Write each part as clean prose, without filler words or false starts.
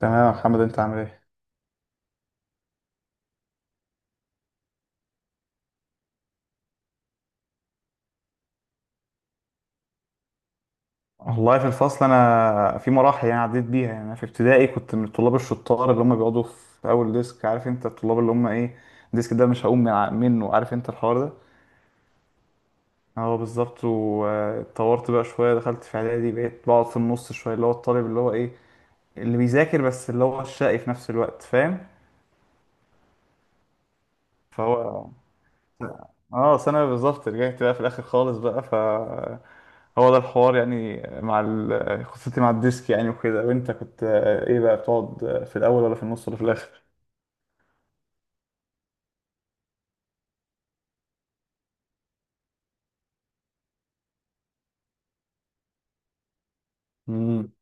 تمام يا محمد، انت عامل ايه؟ والله في الفصل انا في مراحل يعني، عديت بيها. يعني انا في ابتدائي كنت من الطلاب الشطار اللي هم بيقعدوا في اول ديسك، عارف انت الطلاب اللي هم ايه. الديسك ده مش هقوم منه، عارف انت الحوار ده. اه بالظبط. واتطورت بقى شويه، دخلت في اعدادي، بقيت بقعد في النص شويه. اللي هو الطالب اللي هو ايه، اللي بيذاكر بس اللي هو الشقي في نفس الوقت، فاهم. فهو اه، ثانوي بالظبط، رجعت بقى في الاخر خالص بقى. هو ده الحوار يعني، مع قصتي مع الديسك يعني وكده. وانت كنت ايه بقى، بتقعد في الاول ولا في النص ولا في الاخر؟ امم.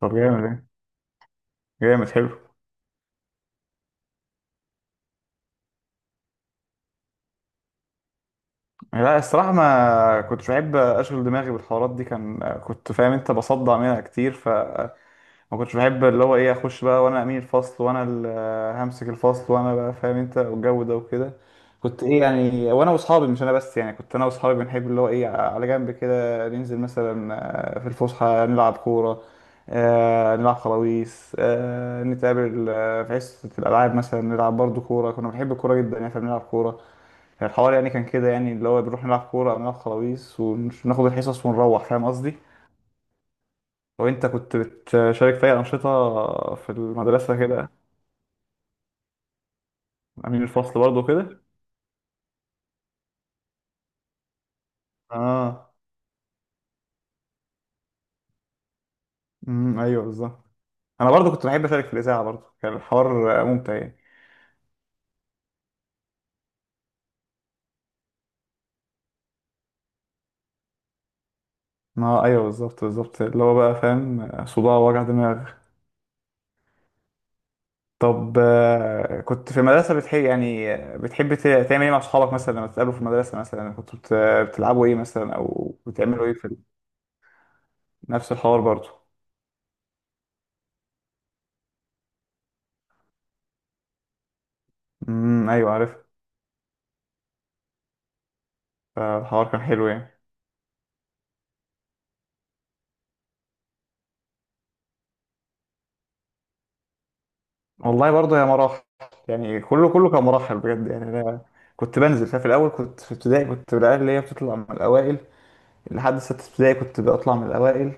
طب جامد ايه، جامد حلو. لا الصراحة، ما كنتش بحب اشغل دماغي بالحوارات دي، كان كنت فاهم انت، بصدع منها كتير. ف ما كنتش بحب اللي هو ايه، اخش بقى وانا امين الفصل وانا اللي همسك الفصل، وانا بقى فاهم انت والجو ده وكده. كنت ايه يعني، وانا واصحابي، مش انا بس يعني، كنت انا واصحابي بنحب اللي هو ايه، على جنب كده ننزل مثلا في الفسحه نلعب كوره، نلعب خلاويص، نتقابل في حصه الالعاب، مثلا نلعب برضو كوره. كنا بنحب الكوره جدا يعني، فبنلعب كوره. الحوار يعني كان كده يعني، اللي هو بنروح نلعب كوره او نلعب خلاويص وناخد الحصص ونروح، فاهم قصدي. وانت كنت بتشارك في اي انشطه في المدرسه كده؟ امين الفصل برضه كده؟ اه. امم، ايوه بالظبط. انا برضه كنت بحب اشارك في الاذاعه، برضه كان الحوار ممتع يعني. ما ايوه بالظبط بالظبط، اللي هو بقى فاهم، صداع وجع دماغ. طب كنت في المدرسه بتحب يعني، بتحب تعمل ايه مع اصحابك مثلا لما تتقابلوا في المدرسه، مثلا كنتوا بتلعبوا ايه مثلا، او بتعملوا ايه في نفس الحوار برضه. امم، ايوه عارف. فالحوار كان حلو يعني. والله برضه هي مراحل يعني، كله كله كان مراحل بجد يعني. انا كنت بنزل، ففي الاول كنت في ابتدائي، كنت من العيال اللي هي بتطلع من الاوائل. لحد سته ابتدائي كنت بطلع من الاوائل.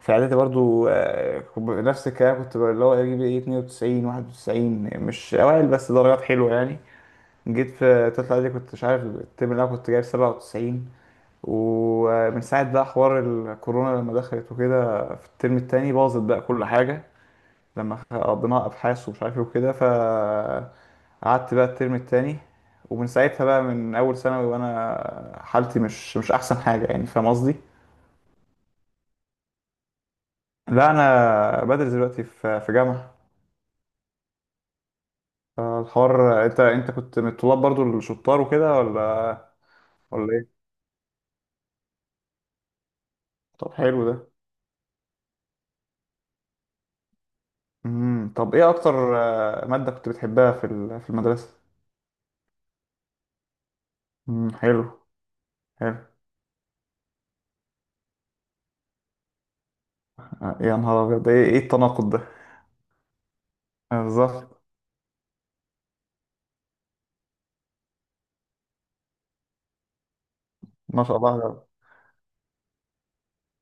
في اعدادي برضه كنت نفس الكلام، كنت اللي هو اجيب ايه 92 91، مش اوائل بس درجات حلوه يعني. جيت في تالتة اعدادي كنت، مش عارف الترم، اللي انا كنت جايب 97. ومن ساعة بقى حوار الكورونا لما دخلت وكده، في الترم التاني باظت بقى كل حاجة، لما قضيناها ابحاث ومش عارف ايه وكده. ف قعدت بقى الترم التاني، ومن ساعتها بقى، من اول ثانوي وانا حالتي مش احسن حاجه يعني، فاهم قصدي. لا انا بدرس دلوقتي في جامعه. فالحوار، انت كنت من الطلاب برضو الشطار وكده، ولا ولا ايه؟ طب حلو ده. امم، طب ايه اكتر ماده كنت بتحبها في في المدرسه؟ حلو. حلو. يا نهار ابيض، ده إيه التناقض ده؟ بالظبط. ما شاء الله.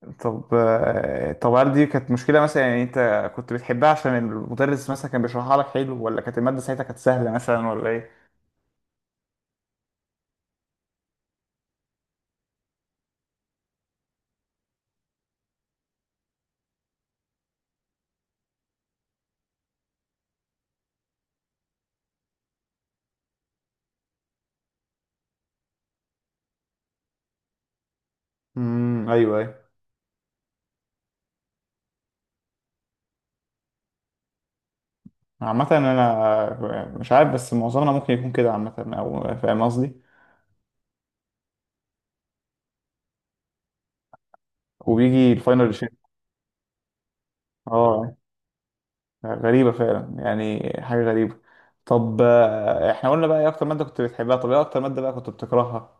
طب هل دي كانت مشكلة مثلا، يعني انت كنت بتحبها عشان المدرس مثلا كان بيشرحها لك حلو، ولا كانت المادة ساعتها كانت سهلة مثلا، ولا ايه؟ امم، ايوه ايوه. عامة انا مش عارف بس، معظمنا ممكن يكون كده عامة، او فاهم قصدي. وبيجي الفاينل شيء. اه. غريبة فعلا، يعني حاجة غريبة. طب احنا قلنا بقى ايه اكتر مادة كنت بتحبها، طب ايه اكتر مادة بقى كنت بتكرهها؟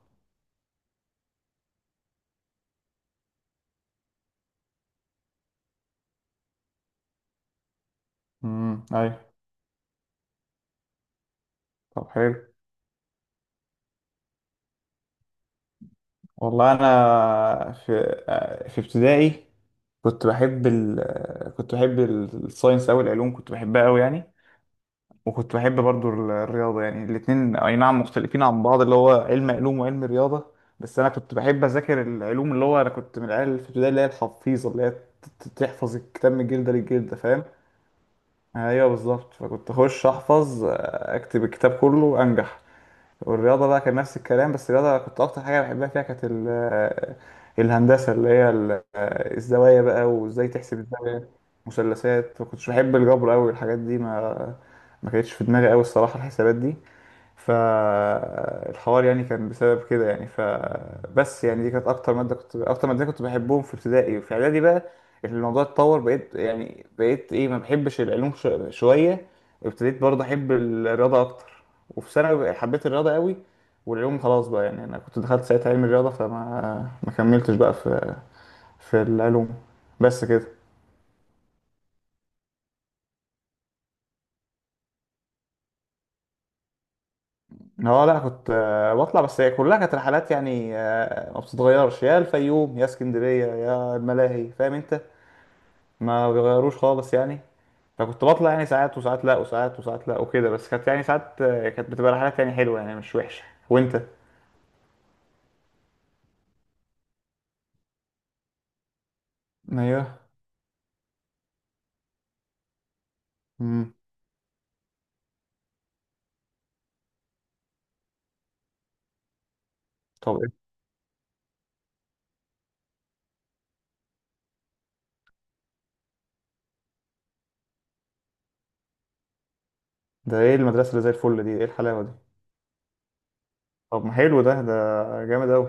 امم، ايوه. طب حلو. والله انا في ابتدائي، كنت بحب ال كنت بحب الساينس أوي، العلوم كنت بحبها أوي يعني. وكنت بحب برضو الرياضة يعني، الاتنين أي نعم مختلفين عن بعض، اللي هو علم علوم وعلم رياضة. بس أنا كنت بحب أذاكر العلوم، اللي هو أنا كنت من العيال اللي في البداية، اللي هي الحفيظة، اللي هي تحفظ الكتاب من جلدة للجلدة، فاهم. أيوه بالظبط. فكنت أخش أحفظ أكتب الكتاب كله أنجح. والرياضة بقى كان نفس الكلام، بس الرياضة كنت أكتر حاجة بحبها فيها كانت الهندسة، اللي هي الزوايا بقى، وإزاي تحسب الزوايا، مثلثات. ما كنتش بحب الجبر أوي والحاجات دي. ما كانتش في دماغي أوي الصراحة الحسابات دي. فالحوار يعني كان بسبب كده يعني، فبس يعني، دي كانت اكتر مادتين كنت بحبهم في ابتدائي. وفي اعدادي بقى الموضوع اتطور، بقيت يعني بقيت ايه، ما بحبش العلوم شويه. ابتديت برضه احب الرياضه اكتر. وفي ثانوي بقى حبيت الرياضه قوي. والعلوم خلاص بقى يعني، انا كنت دخلت ساعتها علم الرياضه، فما ما كملتش بقى في العلوم. بس كده. هو لا، كنت بطلع، بس هي كلها كانت رحلات يعني، ما بتتغيرش، يا الفيوم يا اسكندرية يا الملاهي، فاهم انت. ما بيغيروش خالص يعني. فكنت بطلع يعني، ساعات وساعات لا وساعات وساعات لا وكده، بس كانت يعني، ساعات كانت بتبقى رحلات يعني حلوة يعني، مش وحشة. وانت؟ ايوه. امم. طب ايه ده، ايه المدرسة اللي زي الفل دي، ايه الحلاوة دي. طب ما حلو ده جامد اوي.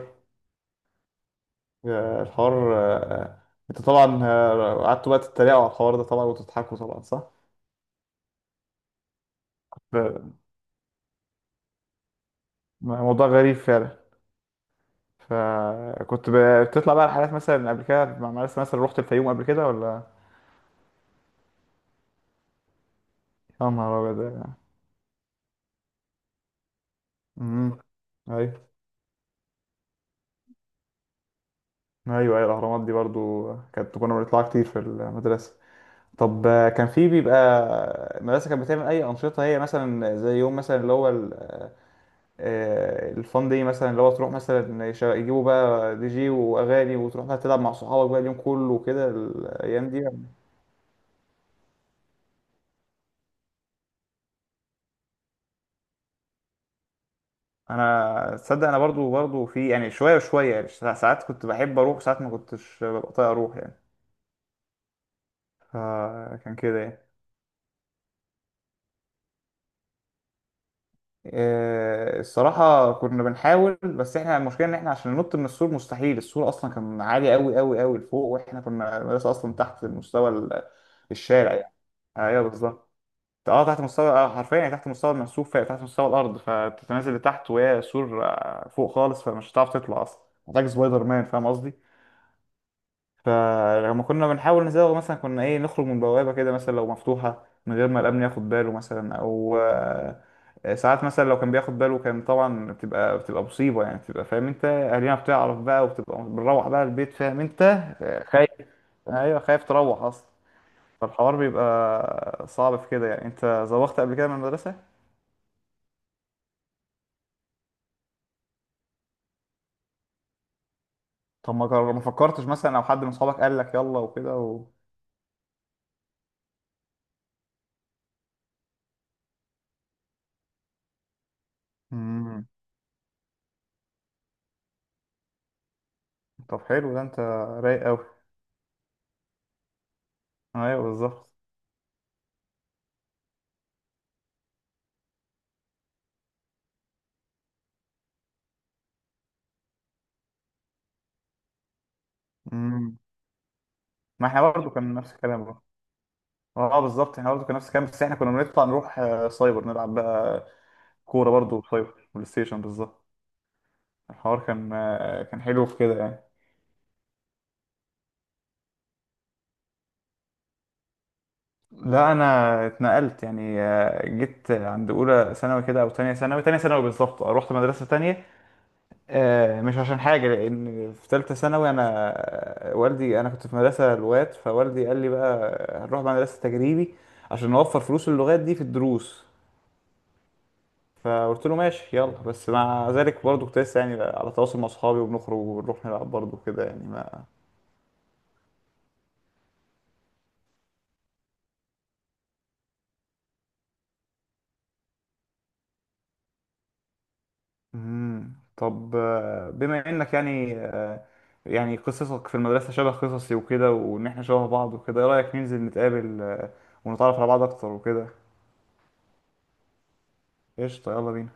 الحوار انت طبعا، قعدتوا بقى تتريقوا على الحوار ده طبعا وتضحكوا طبعا، صح؟ ده موضوع غريب فعلا. فكنت بتطلع بقى رحلات مثلا قبل كده مع مدرسة، مثلا رحت الفيوم قبل كده ولا؟ يا نهار أبيض. امم. أيوه. أيوه، أيوه، الأهرامات دي برضو كنا بنطلعها كتير في المدرسة. طب كان في بيبقى المدرسة كانت بتعمل أي أنشطة هي، مثلا زي يوم مثلا اللي هو الفان دي مثلا، اللي هو تروح مثلا، يجيبوا بقى دي جي وأغاني، وتروح بقى تلعب مع صحابك بقى اليوم كله وكده، الأيام دي. انا تصدق، انا برضو في يعني شويه وشويه يعني، ساعات كنت بحب اروح، ساعات ما كنتش ببقى طايق اروح يعني. فكان كده يعني. إيه، الصراحه كنا بنحاول، بس احنا المشكله ان احنا عشان ننط من السور مستحيل، السور اصلا كان عالي قوي قوي قوي لفوق، واحنا كنا المدرسه اصلا تحت مستوى الشارع يعني. ايوه بالظبط. اه، تحت مستوى حرفيا يعني تحت مستوى المرسوف، تحت مستوى الارض، فتتنازل لتحت، وهي سور فوق خالص، فمش هتعرف تطلع اصلا، محتاج سبايدر مان، فاهم قصدي. فلما كنا بنحاول نزوغ مثلا، كنا ايه، نخرج من بوابة كده مثلا لو مفتوحة من غير ما الأمن ياخد باله مثلا، أو ساعات مثلا لو كان بياخد باله، كان طبعا بتبقى، مصيبة يعني، بتبقى فاهم انت، أهالينا بتعرف بقى، وبتبقى بنروح بقى البيت، فاهم انت. خايف. أيوه، خايف تروح أصلا. فالحوار بيبقى صعب في كده يعني. انت زوغت قبل كده من المدرسة؟ طب ما فكرتش مثلا، أو حد من صحابك قال لك يلا وكده و... مم. طب حلو ده، انت رايق أوي. أيوه بالظبط. مم. ما احنا برضه كان نفس الكلام برضه. اه بالظبط، احنا برضه كان نفس الكلام، بس احنا كنا بنطلع نروح سايبر نلعب بقى، كوره برضه، سايبر بلاي ستيشن بالظبط. الحوار كان حلو في كده يعني. لا انا اتنقلت يعني، جيت عند اولى ثانوي كده او تانية ثانوي، تانية ثانوي بالظبط. رحت مدرسه تانية مش عشان حاجه. لان في ثالثه ثانوي انا والدي، انا كنت في مدرسه لغات، فوالدي قال لي بقى هنروح بقى مدرسه تجريبي عشان نوفر فلوس اللغات دي في الدروس. فقلت له ماشي يلا. بس مع ذلك برضه كنت لسه يعني على تواصل مع اصحابي، وبنخرج وبنروح نلعب برضه كده يعني ما. مم. طب بما انك يعني يعني قصصك في المدرسة شبه قصصي وكده، وان احنا شبه بعض وكده، ايه رأيك ننزل نتقابل ونتعرف على بعض اكتر وكده؟ قشطة، يلا بينا.